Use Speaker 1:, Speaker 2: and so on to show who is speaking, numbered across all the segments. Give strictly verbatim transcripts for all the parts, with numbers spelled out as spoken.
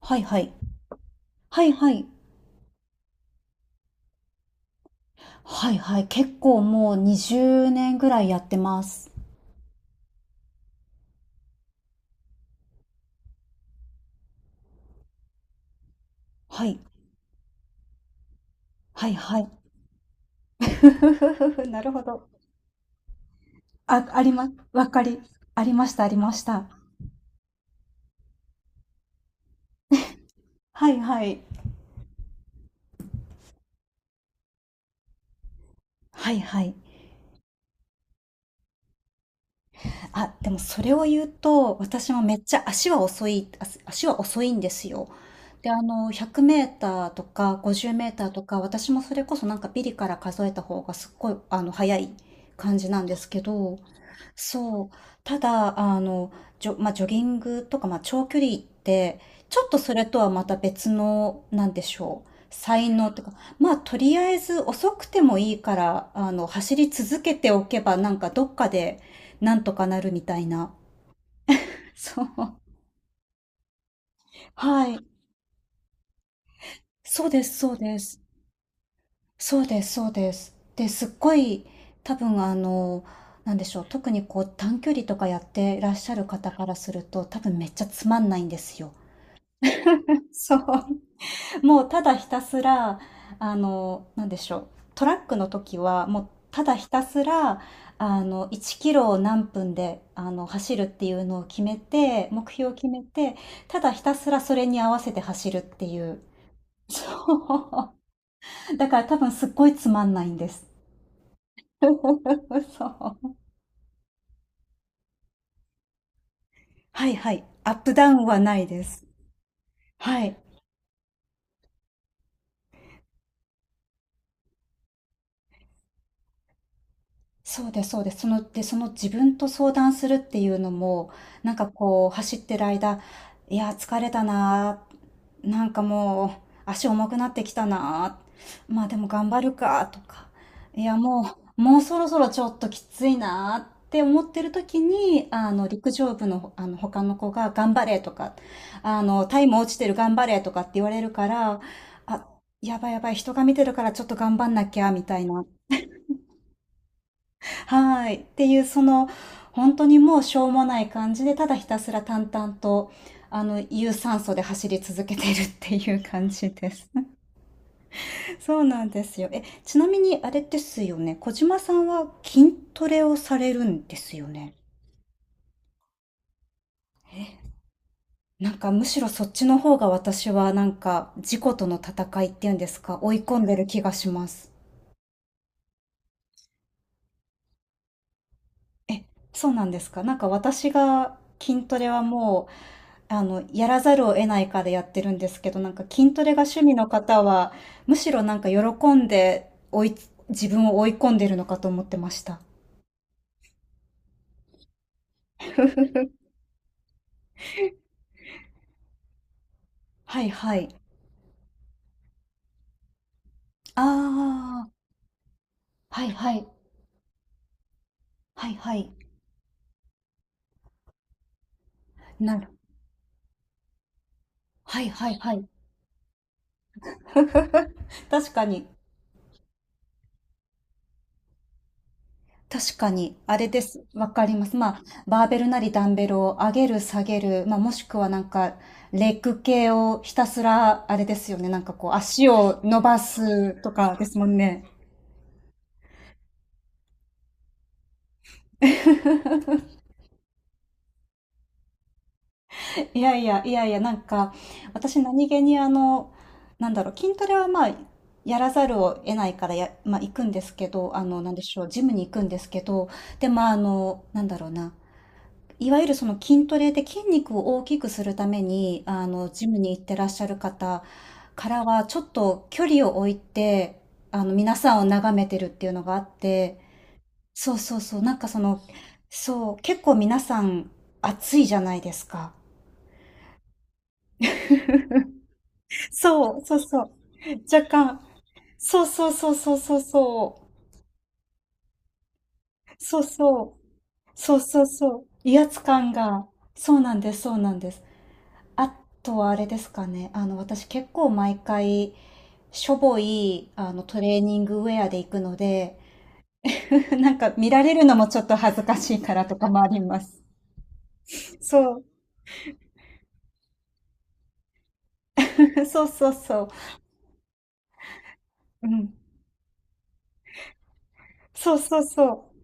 Speaker 1: はいはい。はいはい。はいはい。結構もうにじゅうねんぐらいやってます。はい。はいはい。ふふふふふなるほど。あ、あります。わかり、ありました、ありました。はいはい。はいはい。あ、でもそれを言うと、私もめっちゃ足は遅い、足足は遅いんですよ。で、あの、ひゃくメーターとかごじゅうメーターとか、私もそれこそなんかビリから数えた方がすっごい、あの、早い感じなんですけど、そう。ただ、あの、ジョ、まあ、ジョギングとか、まあ、長距離って、ちょっとそれとはまた別の、なんでしょう。才能とか、まあ、とりあえず遅くてもいいから、あの、走り続けておけば、なんかどっかで、なんとかなるみたいな。そう。はい。そうです、そうです。そうです、そうです。で、すっごい、多分、あの、なんでしょう。特にこう、短距離とかやってらっしゃる方からすると、多分めっちゃつまんないんですよ。そう。もうただひたすら、あの、なんでしょう。トラックの時は、もうただひたすら、あの、いちキロを何分で、あの、走るっていうのを決めて、目標を決めて、ただひたすらそれに合わせて走るっていう。そう。だから多分すっごいつまんないんです。そう。はいはい。アップダウンはないです。はい。そうです、そうです。その、で、その自分と相談するっていうのも、なんかこう、走ってる間、いや、疲れたなあ、なんかもう、足重くなってきたなあ、まあでも頑張るか、とか、いや、もう、もうそろそろちょっときついなあって思ってる時に、あの、陸上部の、あの、他の子が、頑張れとか、あの、タイム落ちてる頑張れとかって言われるから、あ、やばいやばい、人が見てるからちょっと頑張んなきゃ、みたいな。はい。っていう、その、本当にもうしょうもない感じで、ただひたすら淡々と、あの、有酸素で走り続けているっていう感じです。そうなんですよ。え、ちなみにあれですよね、小島さんは筋トレをされるんですよね？なんかむしろそっちの方が私はなんか、自己との戦いっていうんですか、追い込んでる気がします。え、そうなんですか？なんか私が筋トレはもうあの、やらざるを得ないかでやってるんですけど、なんか筋トレが趣味の方は、むしろなんか喜んで追い、自分を追い込んでるのかと思ってました。はいはい。ああ、はいはい。はいはい。なる。はいはいはい。確かに。確かに。あれです。わかります。まあ、バーベルなりダンベルを上げる下げる。まあ、もしくはなんか、レッグ系をひたすら、あれですよね。なんかこう、足を伸ばすとかですもんね。いやいや、いやいや、なんか、私何気にあの、なんだろう、筋トレはまあ、やらざるを得ないからや、まあ、行くんですけど、あの、なんでしょう、ジムに行くんですけど、で、まあ、あの、なんだろうな、いわゆるその筋トレで筋肉を大きくするために、あの、ジムに行ってらっしゃる方からは、ちょっと距離を置いて、あの、皆さんを眺めてるっていうのがあって、そうそうそう、なんかその、そう、結構皆さん、暑いじゃないですか。そう、そうそう。若干、そうそうそうそうそうそう、そうそう、そうそうそう、威圧感が、そうなんです、そうなんです。あとはあれですかね、あの、私結構毎回、しょぼい、あの、トレーニングウェアで行くので、なんか見られるのもちょっと恥ずかしいからとかもあります。そう、そうそうそう、うん、そうそうそう。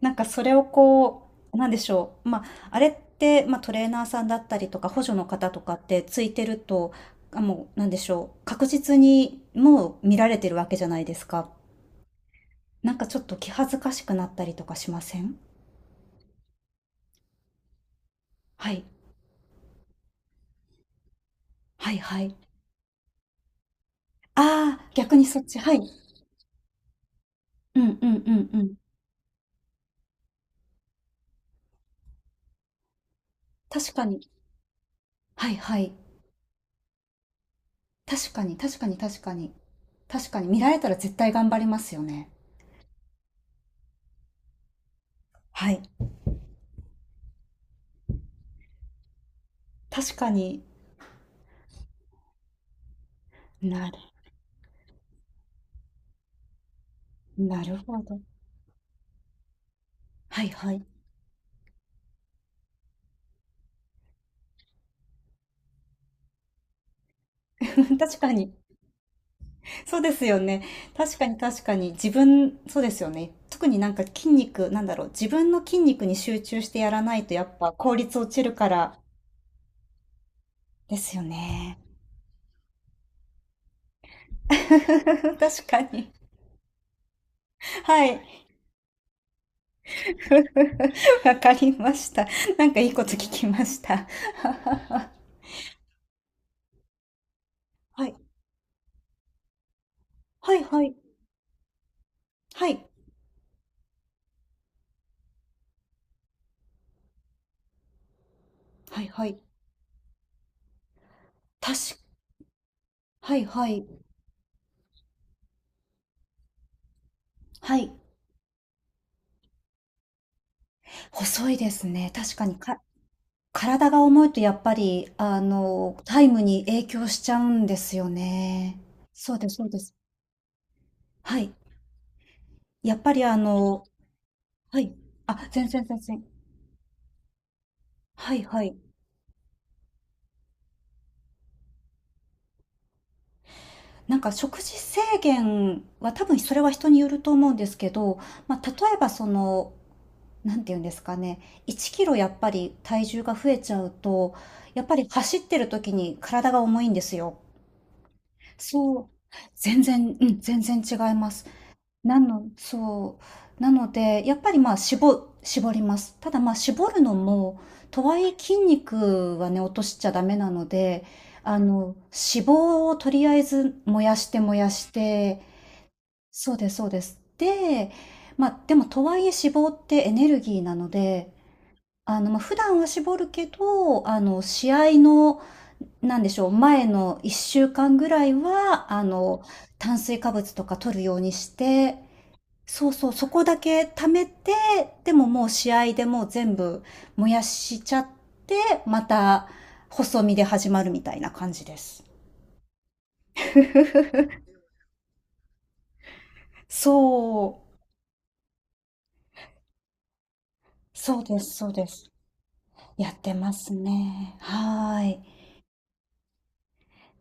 Speaker 1: なんかそれをこう、なんでしょう。まあ、あれって、まあ、トレーナーさんだったりとか、補助の方とかってついてると、あ、もう、なんでしょう。確実にもう見られてるわけじゃないですか。なんかちょっと気恥ずかしくなったりとかしませんはい。はいはい。ああ、逆にそっち。はい。うんうんうんうん。確かに。はいはい。確かに確かに確かに。確かに見られたら絶対頑張りますよね。はい。確かに。なる、なるほど。はいはい。確かに。そうですよね。確かに確かに。自分、そうですよね。特になんか筋肉、なんだろう。自分の筋肉に集中してやらないとやっぱ効率落ちるから。ですよね。確かに。はい。わかりました。なんかいいこと聞きました。はい。はい、はい。はい。はい、はい。確か、はい、はい。はい。細いですね。確かにか体が重いとやっぱり、あの、タイムに影響しちゃうんですよね。そうです、そうです。はい。やっぱりあの、はい。あ、全然全然。はいはい。なんか食事制限は多分それは人によると思うんですけど、まあ、例えばその、なんていうんですかね、いちキロやっぱり体重が増えちゃうと、やっぱり走ってる時に体が重いんですよ。そう。全然、うん、全然違います。なのそう。なので、やっぱり、まあ、しぼ絞ります。ただ、まあ、絞るのも、とはいえ筋肉はね、落としちゃダメなので、あの、脂肪をとりあえず燃やして燃やして、そうですそうです。で、まあ、でもとはいえ脂肪ってエネルギーなので、あの、まあ、普段は絞るけど、あの、試合の、なんでしょう、前のいっしゅうかんぐらいは、あの、炭水化物とか取るようにして、そうそう、そこだけ貯めて、でももう試合でもう全部燃やしちゃって、また細身で始まるみたいな感じです。そう、そうです、そうです。やってますね。はーい。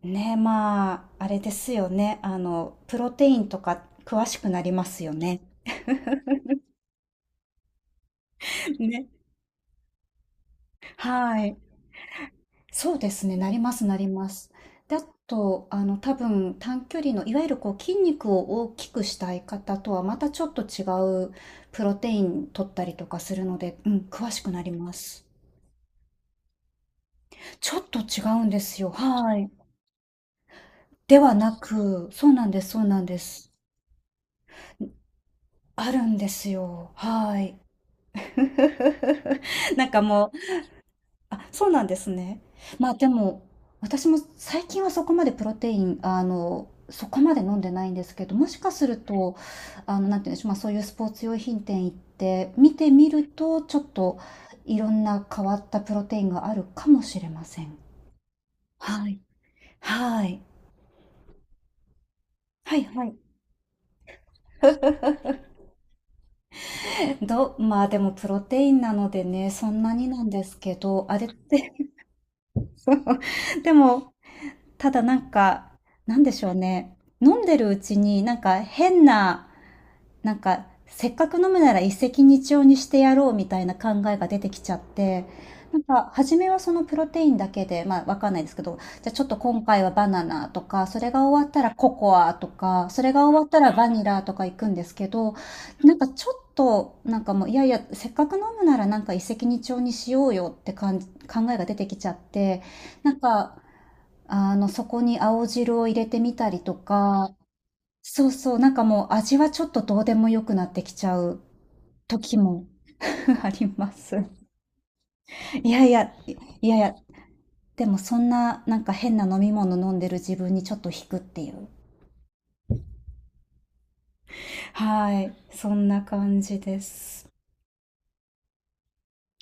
Speaker 1: ね、まあ、あれですよね。あの、プロテインとか詳しくなりますよね。ね。はい。そうですね、なりますなります。で、あと、あの、多分短距離のいわゆるこう筋肉を大きくしたい方とはまたちょっと違うプロテイン取ったりとかするので、うん、詳しくなります。ちょっと違うんですよ。はい。ではなく、そうなんです、そうなんです。あるんですよ。はい。なんかもうあ、そうなんですね。まあでも、私も最近はそこまでプロテイン、あの、そこまで飲んでないんですけど、もしかすると、あの、なんていうんでしょう、まあそういうスポーツ用品店行って見てみると、ちょっといろんな変わったプロテインがあるかもしれません。はい。はい。はいはい。ど、まあでもプロテインなのでね、そんなになんですけど、あれって、そうでもただなんか、なんでしょうね。飲んでるうちになんか変な、なんかせっかく飲むなら一石二鳥にしてやろうみたいな考えが出てきちゃって、なんか初めはそのプロテインだけで、まあわかんないですけど、じゃあちょっと今回はバナナとか、それが終わったらココアとか、それが終わったらバニラとか行くんですけど、なんかちょっと、なんかもう、いやいや、せっかく飲むならなんか一石二鳥にしようよって感じ、考えが出てきちゃって、なんかあの、そこに青汁を入れてみたりとか、そうそう、なんかもう味はちょっとどうでもよくなってきちゃう時も あります。いやいや、いいやいや、でもそんななんか変な飲み物飲んでる自分にちょっと引くっていう。はい、そんな感じです。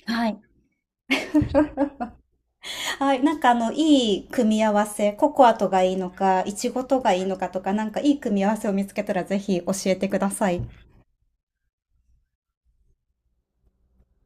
Speaker 1: はい。はい、なんかあの、いい組み合わせ、ココアとがいいのか、イチゴとがいいのかとか、なんかいい組み合わせを見つけたらぜひ教えてください。